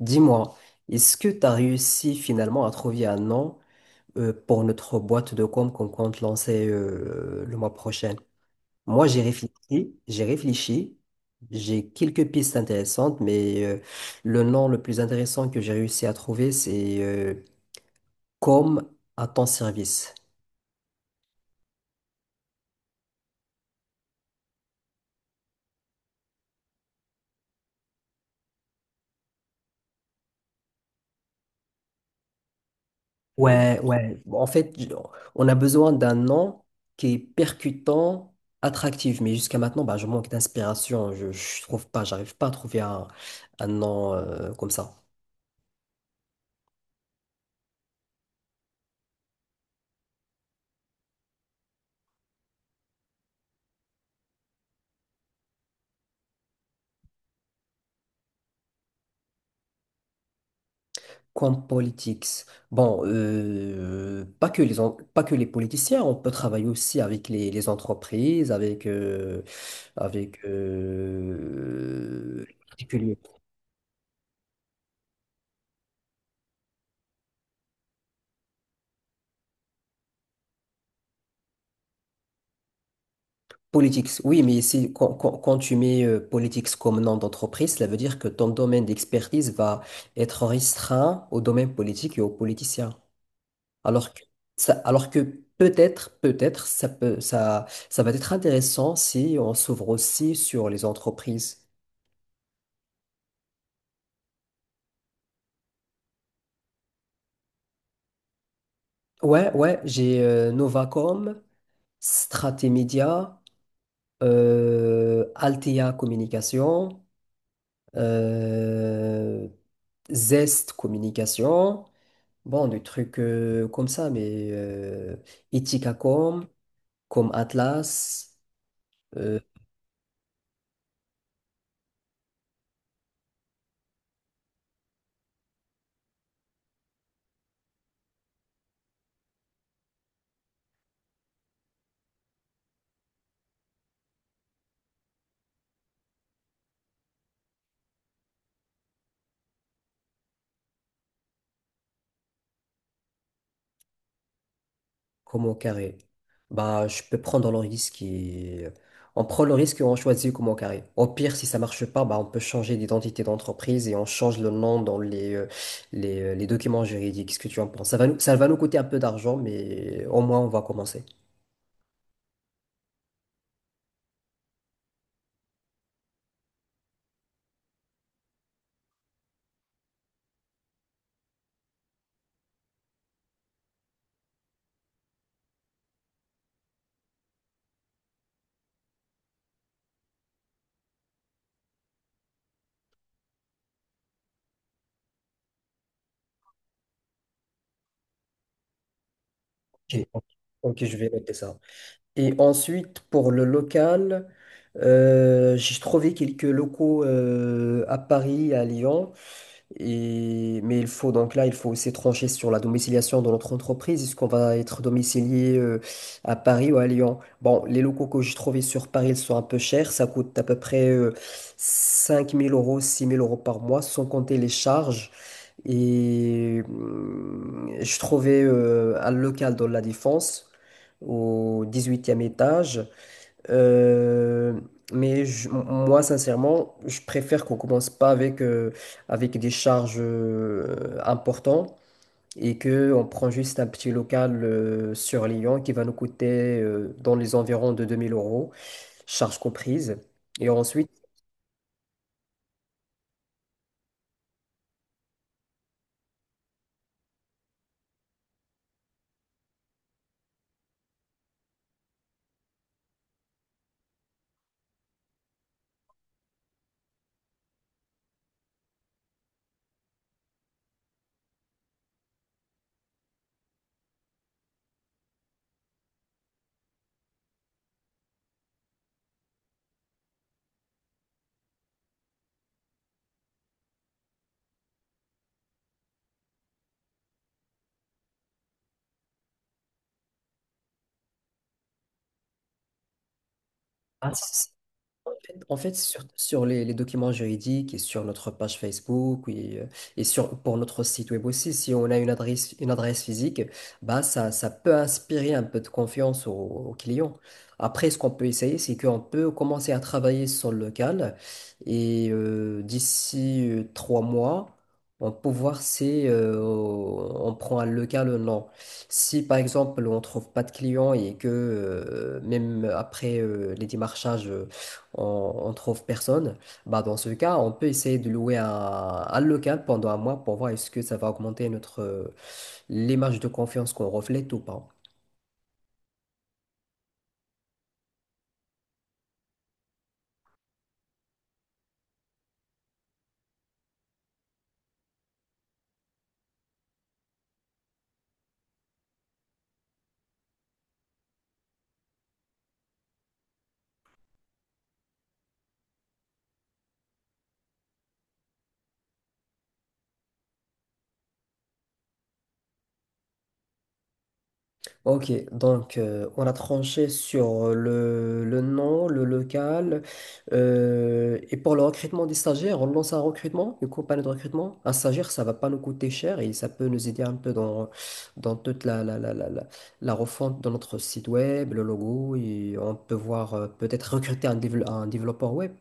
Dis-moi, est-ce que tu as réussi finalement à trouver un nom pour notre boîte de com qu'on compte lancer le mois prochain? Moi, j'ai réfléchi, j'ai réfléchi, j'ai quelques pistes intéressantes, mais le nom le plus intéressant que j'ai réussi à trouver, c'est Com à ton service. Ouais, ouais. En fait, on a besoin d'un nom qui est percutant, attractif. Mais jusqu'à maintenant, bah, je manque d'inspiration. Je trouve pas, j'arrive pas à trouver un nom comme ça. Comme politics. Bon, pas que les politiciens. On peut travailler aussi avec les entreprises, avec. Politics, oui, mais si, quand tu mets Politics comme nom d'entreprise, cela veut dire que ton domaine d'expertise va être restreint au domaine politique et aux politiciens. Alors que, alors que peut-être, peut-être, ça va être intéressant si on s'ouvre aussi sur les entreprises. Ouais, ouais, j'ai Novacom, Stratemedia, Altea Communication, euh, Zest Communication. Bon, des trucs comme ça, mais Itikacom, comme Atlas, euh, comme au carré. Bah, je peux prendre le risque et on prend le risque et on choisit comme au carré. Au pire, si ça marche pas, bah, on peut changer d'identité d'entreprise et on change le nom dans les documents juridiques. Qu'est-ce que tu en penses? Ça va nous coûter un peu d'argent, mais au moins on va commencer. Ok, ok, je vais noter ça. Et ensuite, pour le local, j'ai trouvé quelques locaux à Paris, à Lyon. Mais il faut donc là, il faut aussi trancher sur la domiciliation de notre entreprise. Est-ce qu'on va être domicilié à Paris ou à Lyon? Bon, les locaux que j'ai trouvés sur Paris, ils sont un peu chers. Ça coûte à peu près 5 000 euros, 6 000 euros par mois, sans compter les charges. Et je trouvais un local dans la Défense, au 18e étage. Euh, mais moi, sincèrement, je préfère qu'on commence pas avec des charges importantes et qu'on prend juste un petit local sur Lyon qui va nous coûter dans les environs de 2 000 euros, charges comprises. Et ensuite, en fait, sur les documents juridiques et sur notre page Facebook oui, et pour notre site web aussi, si on a une adresse physique, bah, ça peut inspirer un peu de confiance aux clients. Après, ce qu'on peut essayer, c'est qu'on peut commencer à travailler sur le local et d'ici 3 mois, on peut voir si on prend un local ou non. Si par exemple on trouve pas de clients et que même après les démarchages on, on trouve personne, bah dans ce cas, on peut essayer de louer un local pendant un mois pour voir est-ce que ça va augmenter notre l'image de confiance qu'on reflète ou pas. Ok, donc on a tranché sur le nom, le local. Et pour le recrutement des stagiaires, on lance un recrutement, une compagnie de recrutement. Un stagiaire, ça va pas nous coûter cher et ça peut nous aider un peu dans toute la refonte de notre site web, le logo. Et on peut voir peut-être recruter un développeur web.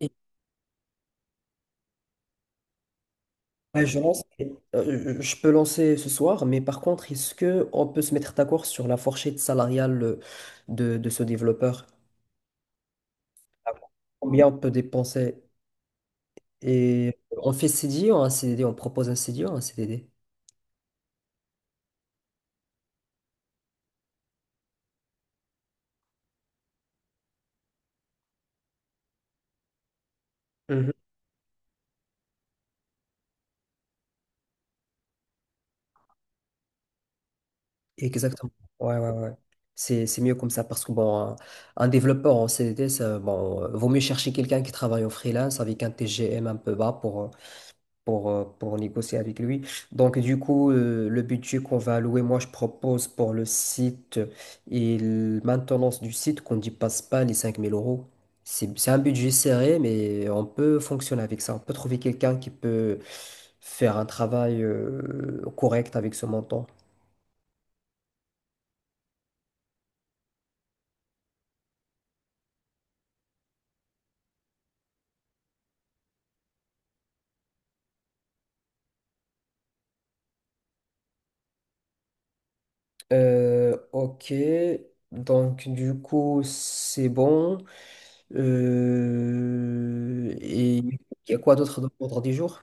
Et, euh, je lance- je peux lancer ce soir, mais par contre, est-ce que on peut se mettre d'accord sur la fourchette salariale de ce développeur? Combien on peut dépenser? Et on fait CDI ou un CDD? On propose un CDI ou un CDD? Mhm. Exactement. Ouais, ouais, ouais. C'est mieux comme ça parce que bon, un développeur en CDD, ça, bon, vaut mieux chercher quelqu'un qui travaille en freelance avec un TGM un peu bas pour négocier avec lui. Donc, du coup, le budget qu'on va allouer, moi, je propose pour le site et la maintenance du site qu'on ne dépasse pas les 5 000 euros. C'est un budget serré, mais on peut fonctionner avec ça. On peut trouver quelqu'un qui peut faire un travail correct avec ce montant. Ok, donc du coup, c'est bon. Et il y a quoi d'autre dans l'ordre du jour?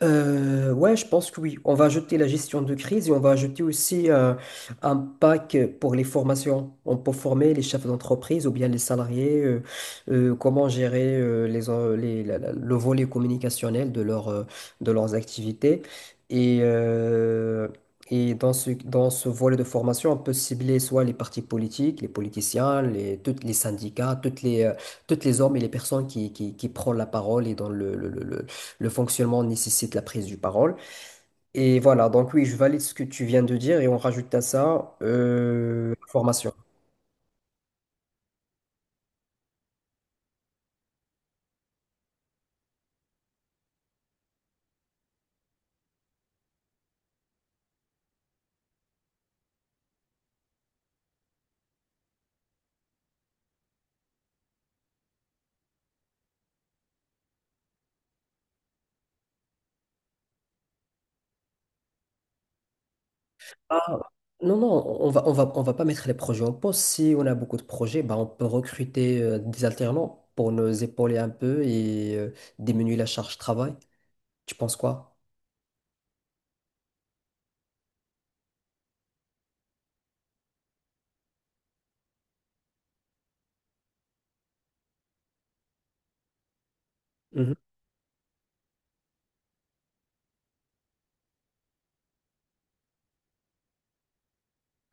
Ouais, je pense que oui. On va ajouter la gestion de crise et on va ajouter aussi un pack pour les formations. On peut former les chefs d'entreprise ou bien les salariés, comment gérer les, en- les- la- la- le volet communicationnel de leurs activités. Et, euh, et dans ce volet de formation, on peut cibler soit les partis politiques, les politiciens, tous les syndicats, toutes les hommes et les personnes qui prennent la parole et dans le fonctionnement nécessite la prise du parole. Et voilà, donc oui, je valide ce que tu viens de dire et on rajoute à ça la formation. Ah, non, non, on va pas mettre les projets en pause. Si on a beaucoup de projets, bah, on peut recruter des alternants pour nous épauler un peu et diminuer la charge travail. Tu penses quoi?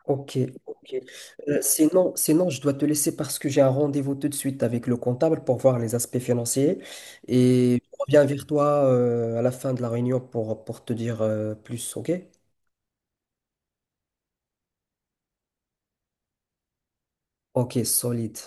Ok, ok. Sinon, je dois te laisser parce que j'ai un rendez-vous tout de suite avec le comptable pour voir les aspects financiers. Et je reviens vers toi à la fin de la réunion pour te dire plus, ok? Ok, solide.